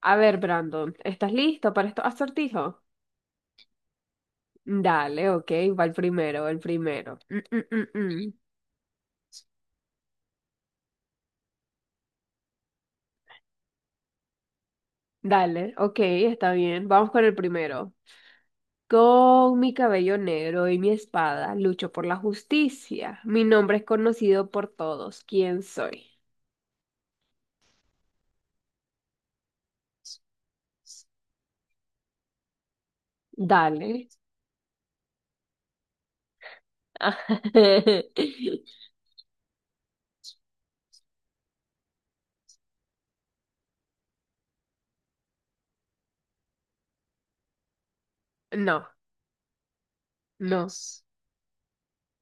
A ver, Brandon, ¿estás listo para estos acertijos? Dale, ok, va el primero, el primero. Mm, mm. Dale, ok, está bien. Vamos con el primero. Con mi cabello negro y mi espada lucho por la justicia. Mi nombre es conocido por todos. ¿Quién soy? Dale. No, no,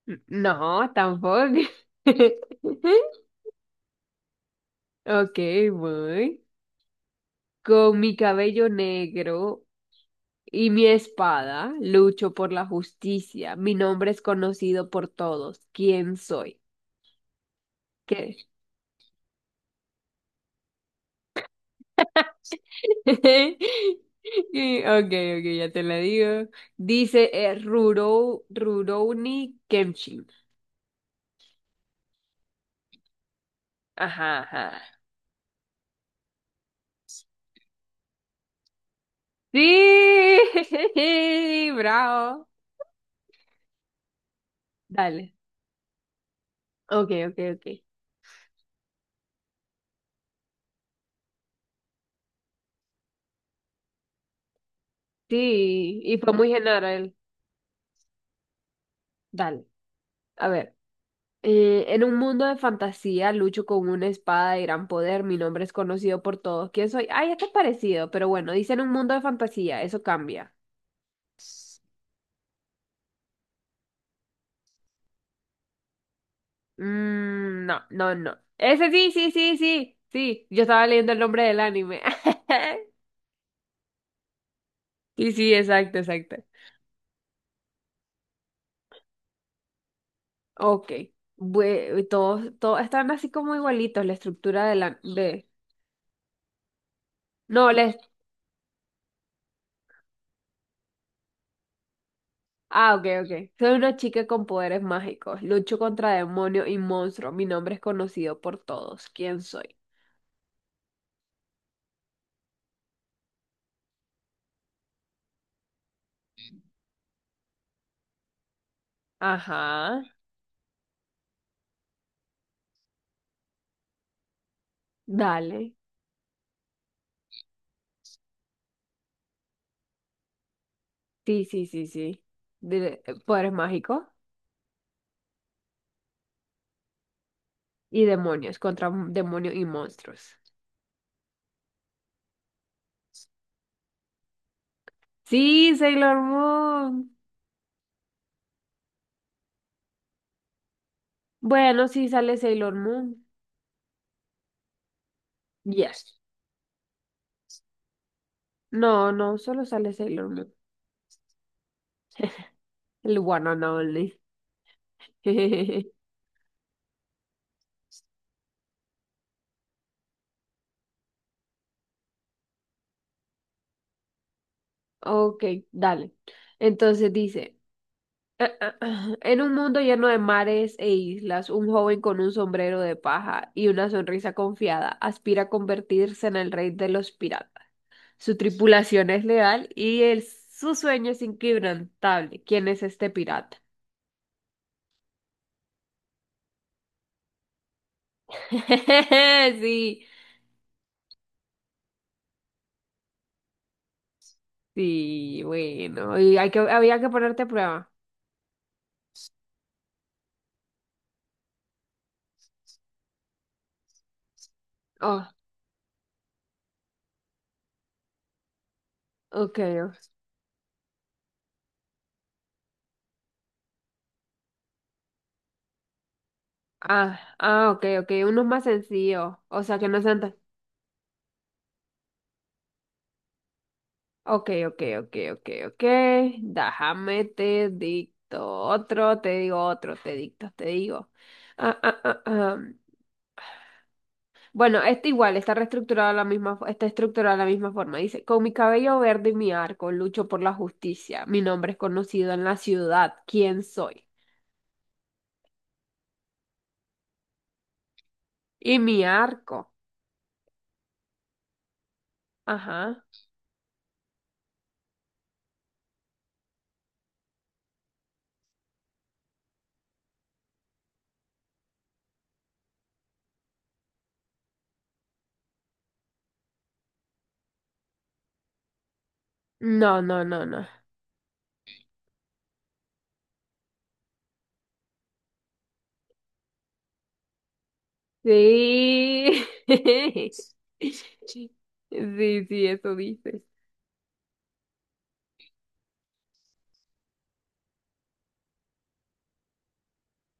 no, tampoco. Ok, voy. Con mi cabello negro y mi espada lucho por la justicia. Mi nombre es conocido por todos. ¿Quién soy? ¿Qué? Ok, ok, ya te la digo. Dice Rurouni Kenshin. Ajá, ajá. Sí, bravo. Dale. Ok, ok, ok. Sí, y fue muy general. Dale, a ver. En un mundo de fantasía, lucho con una espada de gran poder. Mi nombre es conocido por todos. ¿Quién soy? Ay, este es parecido, pero bueno, dice en un mundo de fantasía, eso cambia. Mm, no, no, no. Ese sí, sí, sí, sí, sí. Yo estaba leyendo el nombre del anime. Sí, sí, exacto, exacto. Ok. Todos están así como igualitos, la estructura de la... De... No, la, Ah, ok, ok. Soy una chica con poderes mágicos. Lucho contra demonios y monstruos. Mi nombre es conocido por todos. ¿Quién soy? Ajá. Dale. Sí, sí, sí, sí. Poderes mágicos y demonios contra demonios y monstruos. Sí, Sailor Moon. Bueno, sí sale Sailor Moon. Yes. No, no, solo sale Sailor Moon. El one and only. Ok, dale. Entonces dice. Ah, ah, ah. En un mundo lleno de mares e islas, un joven con un sombrero de paja y una sonrisa confiada aspira a convertirse en el rey de los piratas. Su tripulación es leal y su sueño es inquebrantable. ¿Quién es este pirata? Sí, sí, bueno, y hay que, había que ponerte a prueba. Oh, ok. Oh. Ah, ah, ok, ok, unos más sencillos, o sea, que no sean tan Ok, ok, ok, ok, ok. Déjame te dicto otro, te digo otro, te dicto, te digo. Ah, ah, ah, ah. Bueno, este igual está reestructurado de la misma, está estructurado de la misma forma. Dice, con mi cabello verde y mi arco lucho por la justicia. Mi nombre es conocido en la ciudad. ¿Quién soy? Y mi arco. Ajá. No, no, no, no. Sí. Sí, sí, eso dices.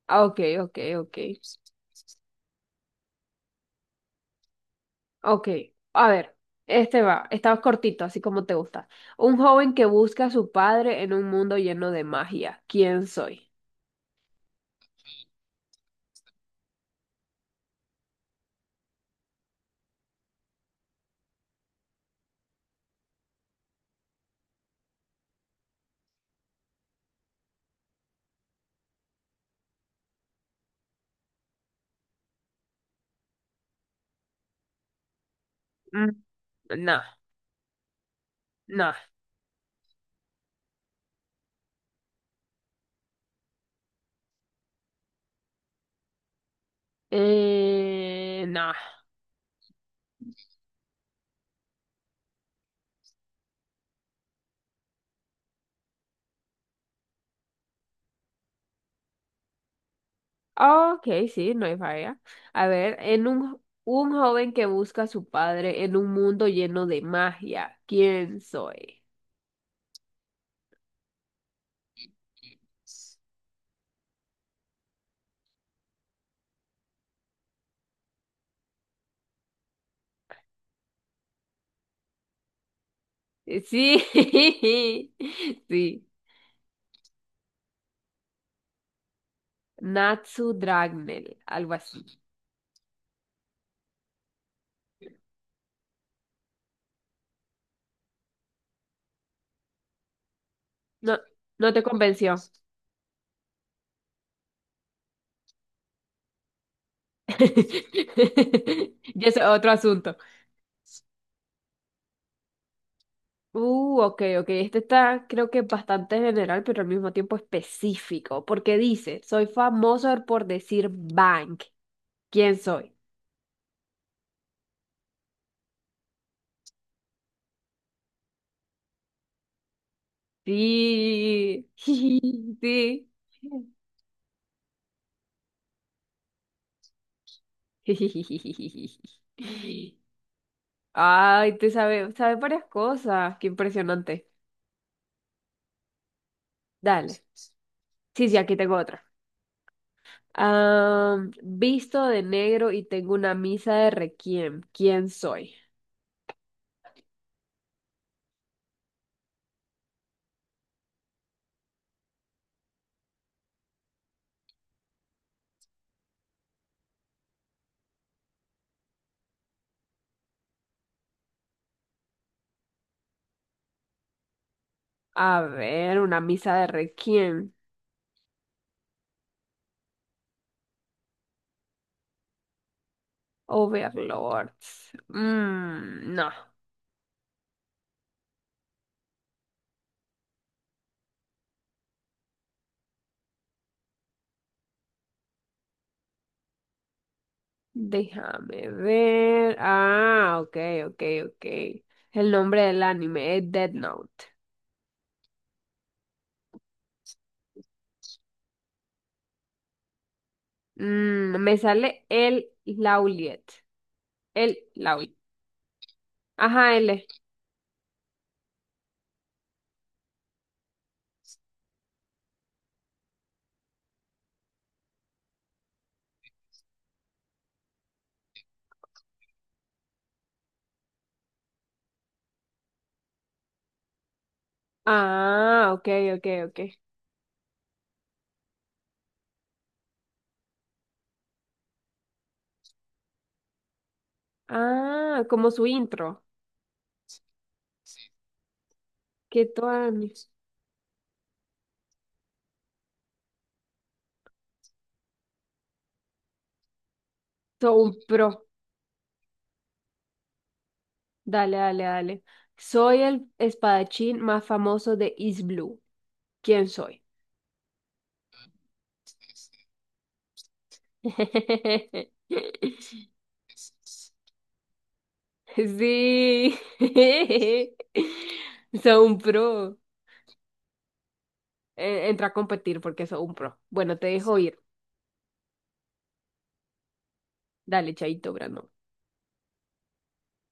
Ah, ok, ok, ok. Ok, a ver, este va, está cortito, así como te gusta. Un joven que busca a su padre en un mundo lleno de magia. ¿Quién soy? Mm, no, no. No. Ok, sí, no hay falla. A ver, un joven que busca a su padre en un mundo lleno de magia. ¿Quién soy? Sí, sí. Natsu Dragnel, algo así. No, no te convenció. Ya es otro asunto. Ok, ok. Este está, creo que bastante general, pero al mismo tiempo específico, porque dice, soy famoso por decir bank. ¿Quién soy? Sí, sí. Ay, te sabe, sabe varias cosas. Qué impresionante. Dale. Sí, sí, aquí tengo otra. Visto de negro y tengo una misa de requiem. ¿Quién soy? A ver, una misa de Requiem. Overlords. Mm, no. Déjame ver. Ah, ok, ok, ok. El nombre del anime es Dead Note. Mm, me sale el Lauliet. El Lauliet. Ajá, L. Ah, ok, ok, ok. Ah, como su intro. Que todo un pro. Dale, dale, dale. Soy el espadachín más famoso de East Blue. ¿Quién soy? Sí. Soy un pro. Entra a competir porque soy un pro. Bueno, te dejo ir. Dale, chaito, Brandon.